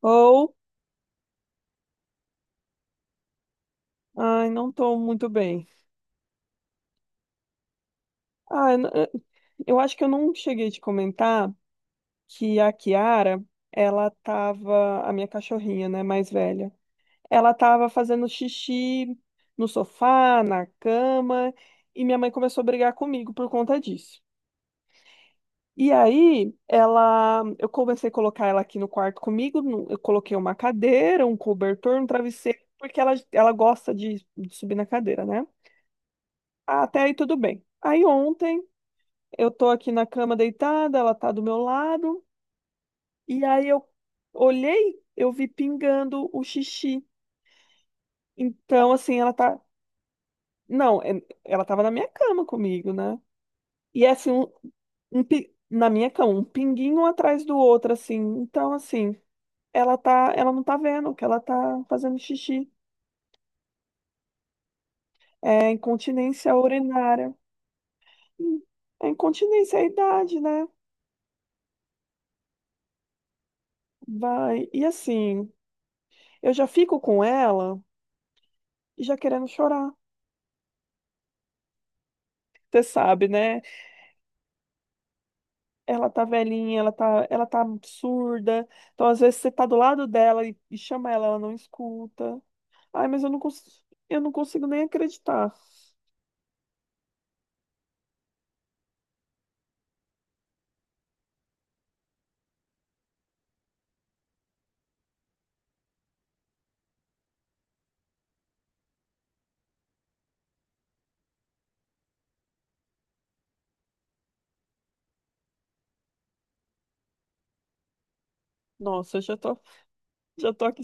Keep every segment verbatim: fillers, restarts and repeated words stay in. Ou, ai, não tô muito bem. Ah, eu n- eh, eu acho que eu não cheguei a te comentar que a Kiara, ela tava, a minha cachorrinha, né, mais velha, ela tava fazendo xixi no sofá, na cama, e minha mãe começou a brigar comigo por conta disso. E aí, ela, eu comecei a colocar ela aqui no quarto comigo, no- eu coloquei uma cadeira, um cobertor, um travesseiro, porque ela, ela gosta de de subir na cadeira, né? Ah, até aí tudo bem. Aí, ontem, eu tô aqui na cama deitada, ela tá do meu lado, e aí eu olhei, eu vi pingando o xixi. Então, assim, ela tá. Não, é- ela tava na minha cama comigo, né? E é assim, um, um pi- na minha cama, um pinguinho atrás do outro, assim. Então, assim, ela tá, ela não tá vendo que ela tá fazendo xixi. É incontinência urinária. Hum. É incontinência, é a idade, né? Vai. E assim, eu já fico com ela e já querendo chorar. Você sabe, né? Ela tá velhinha, ela tá, ela tá surda. Então, às vezes, você tá do lado dela e, e, chama ela, ela não escuta. Ai, mas eu não consigo, eu não consigo nem acreditar. Nossa, eu já tô, já tô aqui,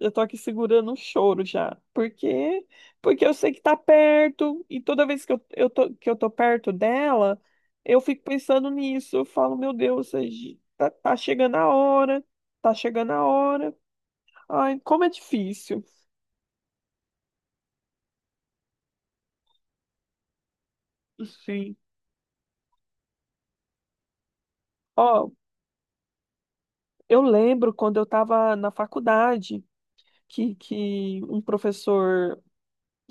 já tô aqui segurando o choro já. Porque, porque eu sei que tá perto, e toda vez que eu, eu tô, que eu tô perto dela, eu fico pensando nisso. Eu falo, meu Deus, a gente- tá, tá chegando a hora, tá chegando a hora. Ai, como é difícil. Sim. Ó, eu lembro quando eu estava na faculdade que, que um professor.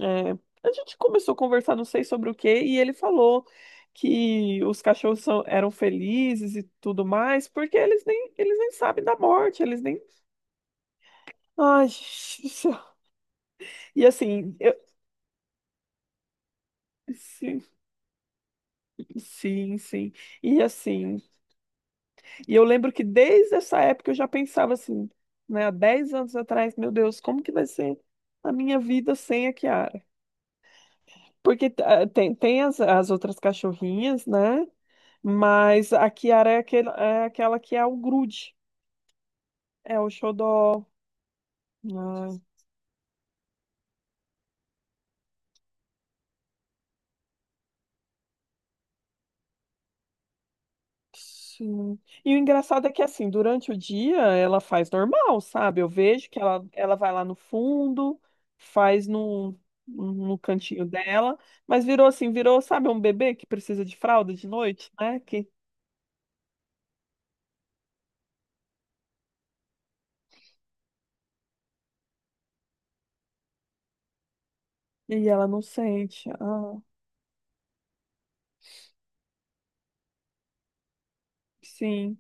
é, a gente começou a conversar, não sei sobre o quê, e ele falou que os cachorros são- eram felizes e tudo mais, porque eles nem, eles nem sabem da morte, eles nem. Ai, gente do céu. E assim, eu- sim, sim, sim. E assim, e eu lembro que desde essa época eu já pensava assim, né, há dez anos atrás, meu Deus, como que vai ser a minha vida sem a Kiara? Porque ah, tem, tem as, as outras cachorrinhas, né? Mas a Kiara é, aquele, é aquela que é o grude, é o xodó. Né? Sim. E o engraçado é que, assim, durante o dia ela faz normal, sabe? Eu vejo que ela, ela vai lá no fundo, faz no, no cantinho dela, mas virou assim, virou, sabe, um bebê que precisa de fralda de noite, né? Que, e ela não sente. Ah, sim.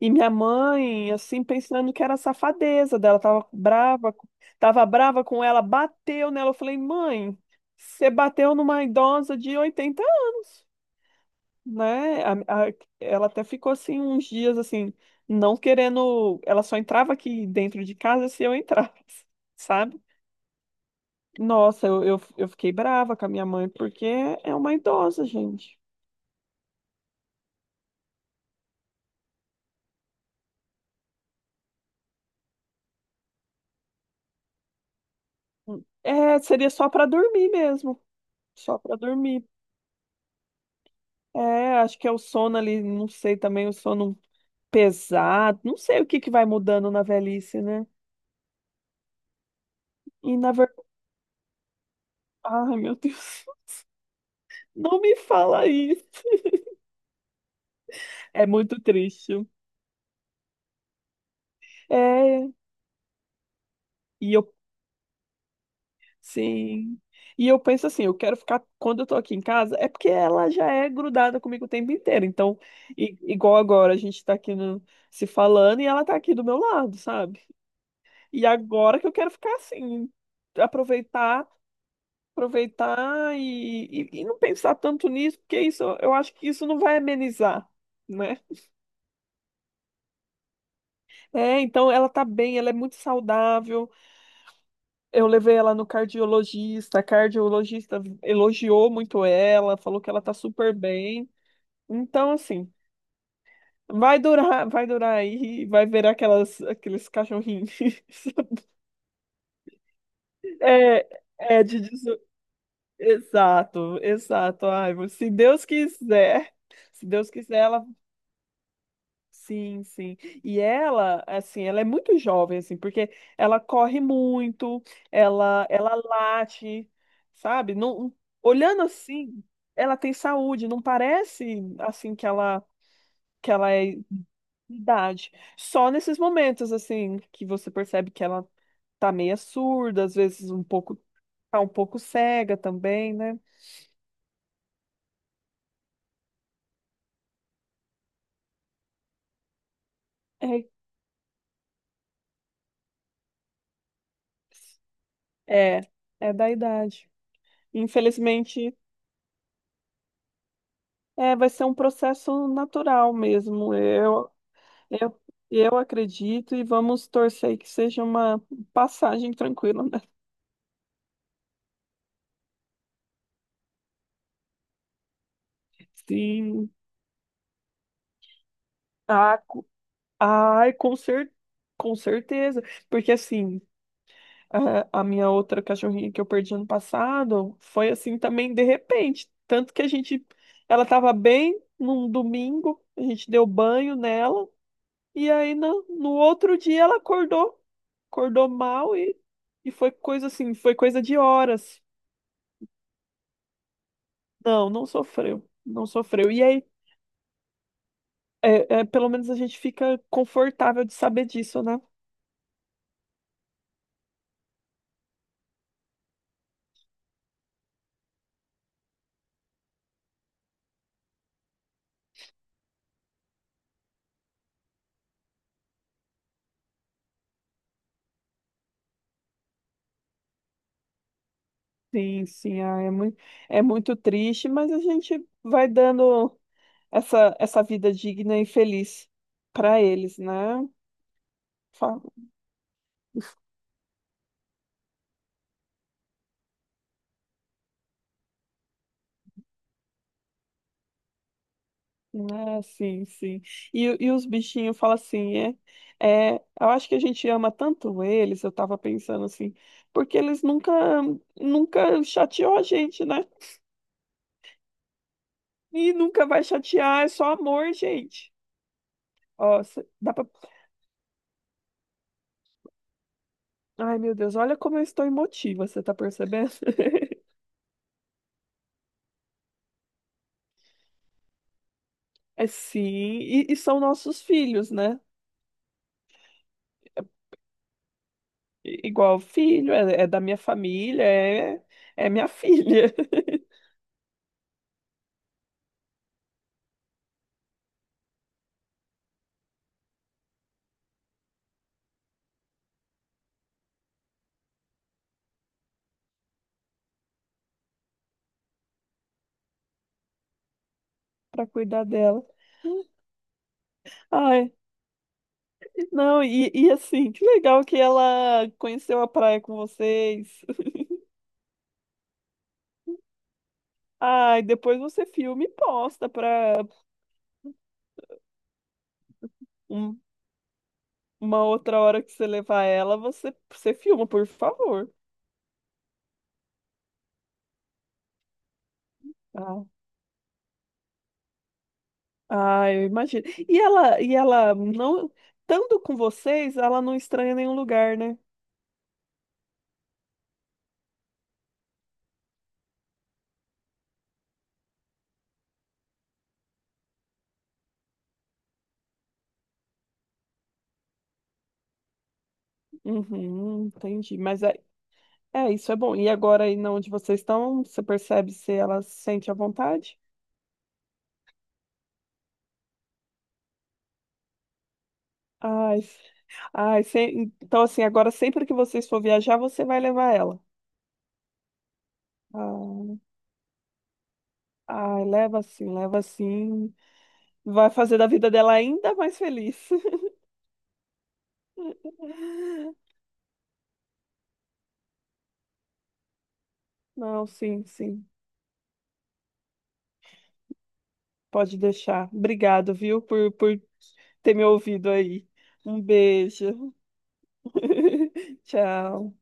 E minha mãe, assim, pensando que era safadeza dela, tava brava, tava brava com ela, bateu nela. Eu falei, mãe, você bateu numa idosa de oitenta anos, né? A- a- ela até ficou assim uns dias assim, não querendo. Ela só entrava aqui dentro de casa se eu entrasse, sabe? Nossa, eu, eu, eu fiquei brava com a minha mãe, porque é uma idosa, gente. É, seria só para dormir mesmo, só para dormir. É, acho que é o sono ali, não sei também, o sono pesado, não sei o que que vai mudando na velhice, né? E na verdade, ai meu Deus, não me fala isso. É muito triste. É, e eu, sim. E eu penso assim, eu quero ficar, quando eu tô aqui em casa, é porque ela já é grudada comigo o tempo inteiro. Então, i- igual agora, a gente tá aqui no- se falando e ela tá aqui do meu lado, sabe? E agora que eu quero ficar assim, aproveitar aproveitar e, e, e não pensar tanto nisso, porque isso, eu acho que isso não vai amenizar, né? É, então ela tá bem, ela é muito saudável. Eu levei ela no cardiologista, a cardiologista elogiou muito ela, falou que ela tá super bem. Então, assim, vai durar, vai durar aí, vai ver aquelas, aqueles cachorrinhos. É, é de dezo- exato, exato. Ai, se Deus quiser, se Deus quiser, ela. Sim, sim. E ela, assim, ela é muito jovem, assim, porque ela corre muito, ela, ela late, sabe? Não, olhando assim, ela tem saúde, não parece assim que ela que ela é idade. Só nesses momentos assim que você percebe que ela tá meio surda, às vezes um pouco tá um pouco cega também, né? É, é, é da idade. Infelizmente, é, vai ser um processo natural mesmo. Eu, eu, eu acredito e vamos torcer que seja uma passagem tranquila, né? Sim. Ah, co- ai, com cer com certeza. Porque assim, a, a minha outra cachorrinha que eu perdi ano passado foi assim também de repente. Tanto que a gente, ela estava bem num domingo, a gente deu banho nela. E aí, no, no outro dia, ela acordou. Acordou mal e, e foi coisa assim, foi coisa de horas. Não, não sofreu. Não sofreu. E aí, é, é, pelo menos a gente fica confortável de saber disso, né? Sim, sim, ah, é muito, é muito triste, mas a gente vai dando essa, essa vida digna e feliz para eles, né? Fa- Ah, sim, sim. E, e os bichinhos falam assim, é, é, eu acho que a gente ama tanto eles, eu tava pensando assim, porque eles nunca, nunca chateou a gente, né? E nunca vai chatear, é só amor, gente. Ó, cê- dá pra... Ai, meu Deus, olha como eu estou emotiva, você tá percebendo? É sim, e, e são nossos filhos, né? I- Igual filho, é, é da minha família, é, é minha filha, para cuidar dela. Ai, não, e, e assim, que legal que ela conheceu a praia com vocês. Ai, depois você filma e posta pra um- uma outra hora que você levar ela, você, você filma, por favor. Ah, ai, eu imagino. E ela, e ela não, estando com vocês, ela não estranha nenhum lugar, né? Uhum, entendi. Mas é, é, isso é bom. E agora aí na onde vocês estão, você percebe se ela se sente à vontade? Ai, s- ai, se- então assim, agora sempre que vocês for viajar, você vai levar ela. Ah, ai, leva sim, leva sim. Vai fazer da vida dela ainda mais feliz. Não, sim, sim. Pode deixar. Obrigado, viu, por, por ter me ouvido aí. Um beijo. Tchau.